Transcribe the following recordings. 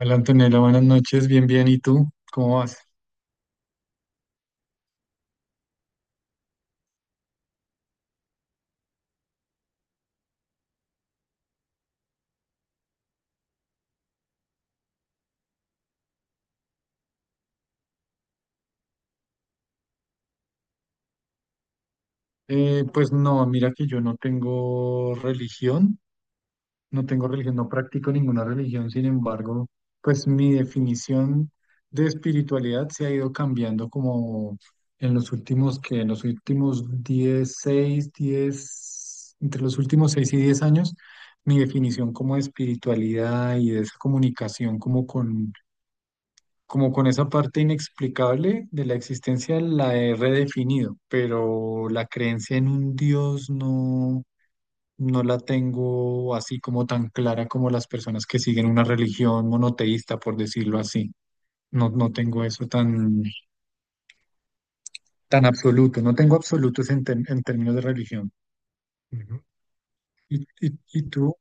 Hola Antonella, buenas noches, bien, bien, ¿y tú? ¿Cómo vas? Pues no, mira que yo no tengo religión, no tengo religión, no practico ninguna religión, sin embargo, pues mi definición de espiritualidad se ha ido cambiando como en los últimos 10, entre los últimos 6 y 10 años, mi definición como de espiritualidad y de esa comunicación como con esa parte inexplicable de la existencia la he redefinido, pero la creencia en un Dios no, no la tengo así como tan clara como las personas que siguen una religión monoteísta, por decirlo así. No, no tengo eso tan, tan absoluto, no tengo absolutos en términos de religión. Ujú. ¿Y tú?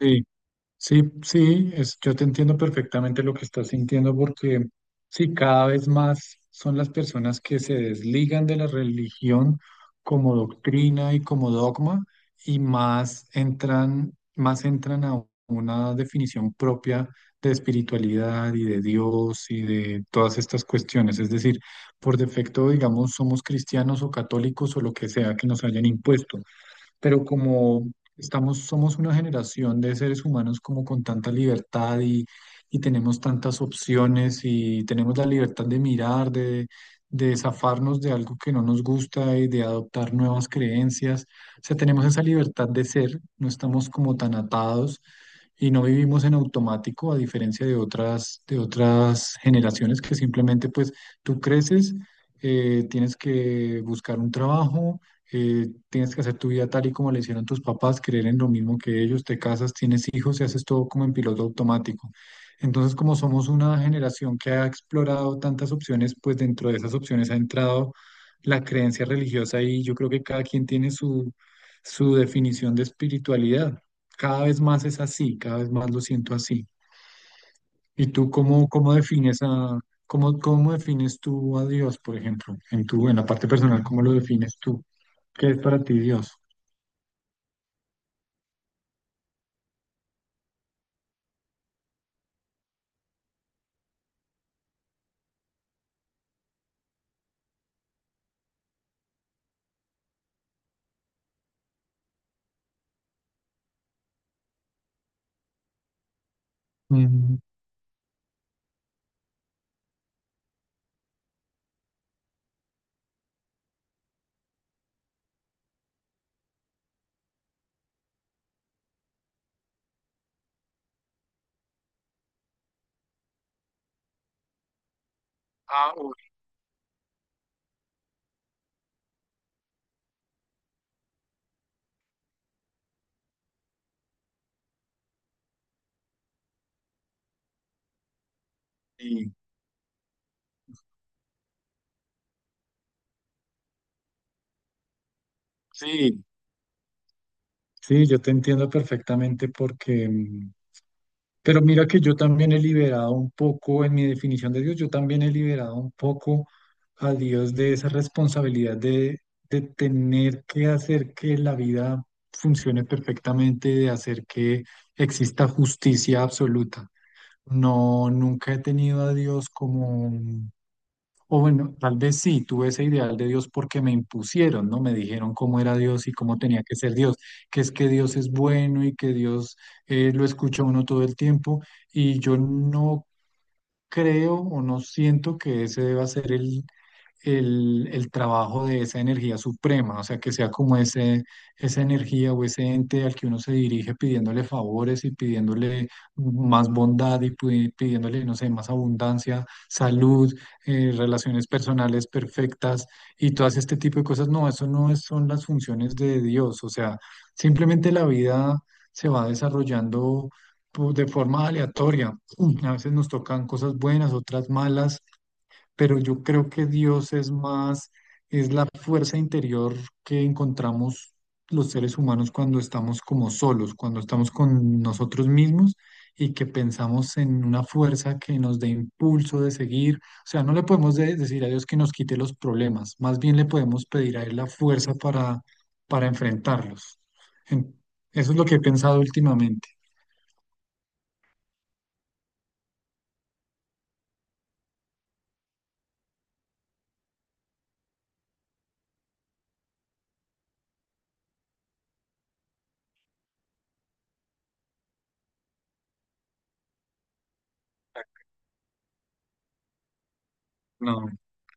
Sí. Sí, sí, es, yo te entiendo perfectamente lo que estás sintiendo porque sí, cada vez más son las personas que se desligan de la religión como doctrina y como dogma y más entran a una definición propia de espiritualidad y de Dios y de todas estas cuestiones. Es decir, por defecto, digamos, somos cristianos o católicos o lo que sea que nos hayan impuesto pero como estamos, somos una generación de seres humanos como con tanta libertad y tenemos tantas opciones y tenemos la libertad de mirar, de zafarnos de algo que no nos gusta y de adoptar nuevas creencias. O sea, tenemos esa libertad de ser, no estamos como tan atados y no vivimos en automático, a diferencia de otras generaciones que simplemente pues tú creces, tienes que buscar un trabajo, tienes que hacer tu vida tal y como le hicieron tus papás, creer en lo mismo que ellos, te casas, tienes hijos y haces todo como en piloto automático. Entonces, como somos una generación que ha explorado tantas opciones, pues dentro de esas opciones ha entrado la creencia religiosa y yo creo que cada quien tiene su, su definición de espiritualidad. Cada vez más es así, cada vez más lo siento así. ¿Y tú cómo, cómo defines a, cómo, cómo defines tú a Dios, por ejemplo, en tu, en la parte personal, cómo lo defines tú? ¿Qué es para ti Dios? Mm, Ah, uy, sí, sí, sí, yo te entiendo perfectamente porque pero mira que yo también he liberado un poco, en mi definición de Dios, yo también he liberado un poco a Dios de esa responsabilidad de tener que hacer que la vida funcione perfectamente, de hacer que exista justicia absoluta. No, nunca he tenido a Dios como, o bueno, tal vez sí, tuve ese ideal de Dios porque me impusieron, ¿no? Me dijeron cómo era Dios y cómo tenía que ser Dios, que es que Dios es bueno y que Dios lo escucha a uno todo el tiempo y yo no creo o no siento que ese deba ser el el trabajo de esa energía suprema, o sea, que sea como ese, esa energía o ese ente al que uno se dirige pidiéndole favores y pidiéndole más bondad y pidiéndole, no sé, más abundancia, salud, relaciones personales perfectas y todas este tipo de cosas. No, eso no es- son las funciones de Dios, o sea, simplemente la vida se va desarrollando, pues, de forma aleatoria. A veces nos tocan cosas buenas, otras malas, pero yo creo que Dios es más, es la fuerza interior que encontramos los seres humanos cuando estamos como solos, cuando estamos con nosotros mismos y que pensamos en una fuerza que nos dé impulso de seguir. O sea, no le podemos decir a Dios que nos quite los problemas, más bien le podemos pedir a Él la fuerza para enfrentarlos. En- Eso es lo que he pensado últimamente. No,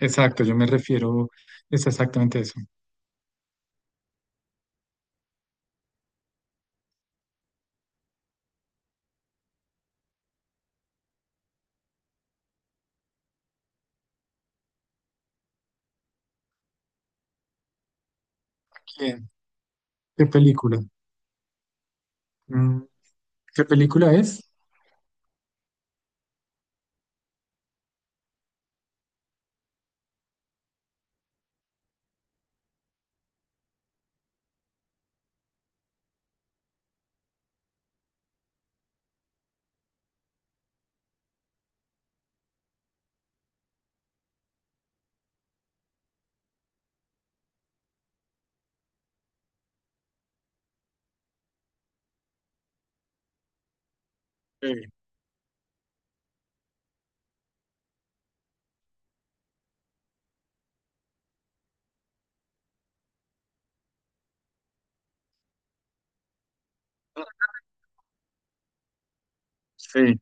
exacto, yo me refiero, es exactamente eso. Bien. ¿Qué película? ¿Qué película es? Sí, sí,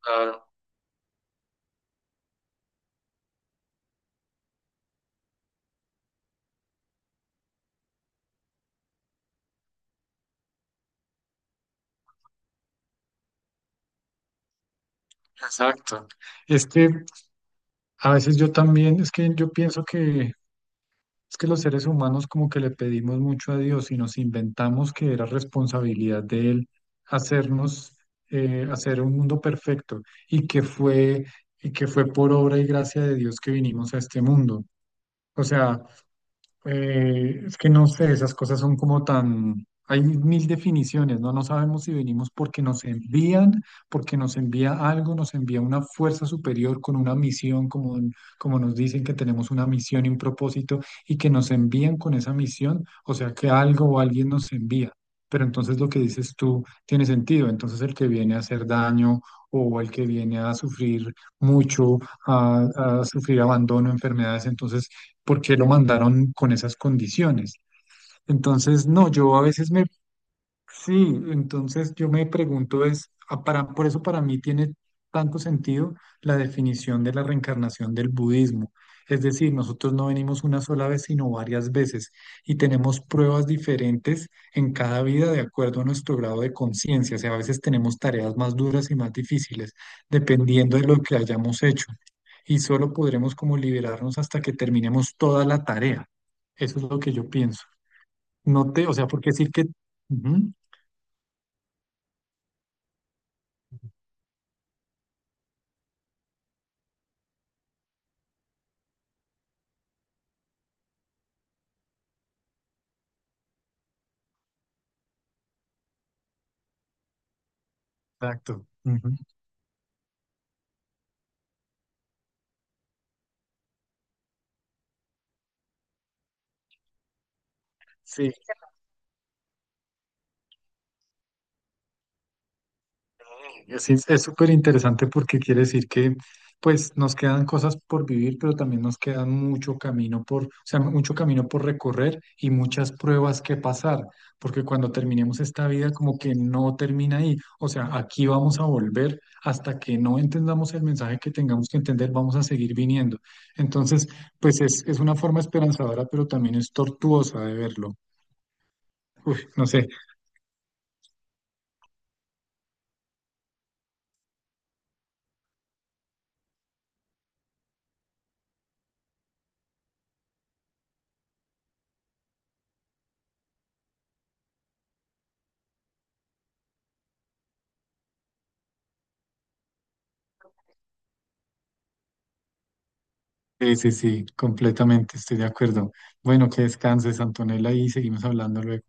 claro, exacto. Es que a veces yo también, es que yo pienso que es que los seres humanos como que le pedimos mucho a Dios y nos inventamos que era responsabilidad de Él hacernos, hacer un mundo perfecto y que fue, y que fue por obra y gracia de Dios que vinimos a este mundo. O sea, es que no sé, esas cosas son como tan... Hay mil definiciones, ¿no? No sabemos si venimos porque nos envían, porque nos envía algo, nos envía una fuerza superior con una misión, como, como nos dicen que tenemos una misión y un propósito, y que nos envían con esa misión, o sea que algo o alguien nos envía. Pero entonces lo que dices tú tiene sentido. Entonces el que viene a hacer daño o el que viene a sufrir mucho, a sufrir abandono, enfermedades, entonces porque lo mandaron con esas condiciones. Entonces, no, yo a veces me sí, entonces yo me pregunto es, por eso para mí tiene tanto sentido la definición de la reencarnación del budismo. Es decir, nosotros no venimos una sola vez, sino varias veces y tenemos pruebas diferentes en cada vida de acuerdo a nuestro grado de conciencia. O sea, a veces tenemos tareas más duras y más difíciles, dependiendo de lo que hayamos hecho. Y solo podremos como liberarnos hasta que terminemos toda la tarea. Eso es lo que yo pienso. No te, o sea, porque decir que... Ujú. Exacto. Ujú. Sí, es súper interesante porque quiere decir que pues nos quedan cosas por vivir, pero también nos quedan mucho camino por, o sea, mucho camino por recorrer y muchas pruebas que pasar, porque cuando terminemos esta vida como que no termina ahí, o sea, aquí vamos a volver hasta que no entendamos el mensaje que tengamos que entender, vamos a seguir viniendo. Entonces, pues es una forma esperanzadora, pero también es tortuosa de verlo. Uf, no sé. Sí, sí, sí, completamente, estoy de acuerdo. Bueno, que descanses, Antonella, y seguimos hablando luego.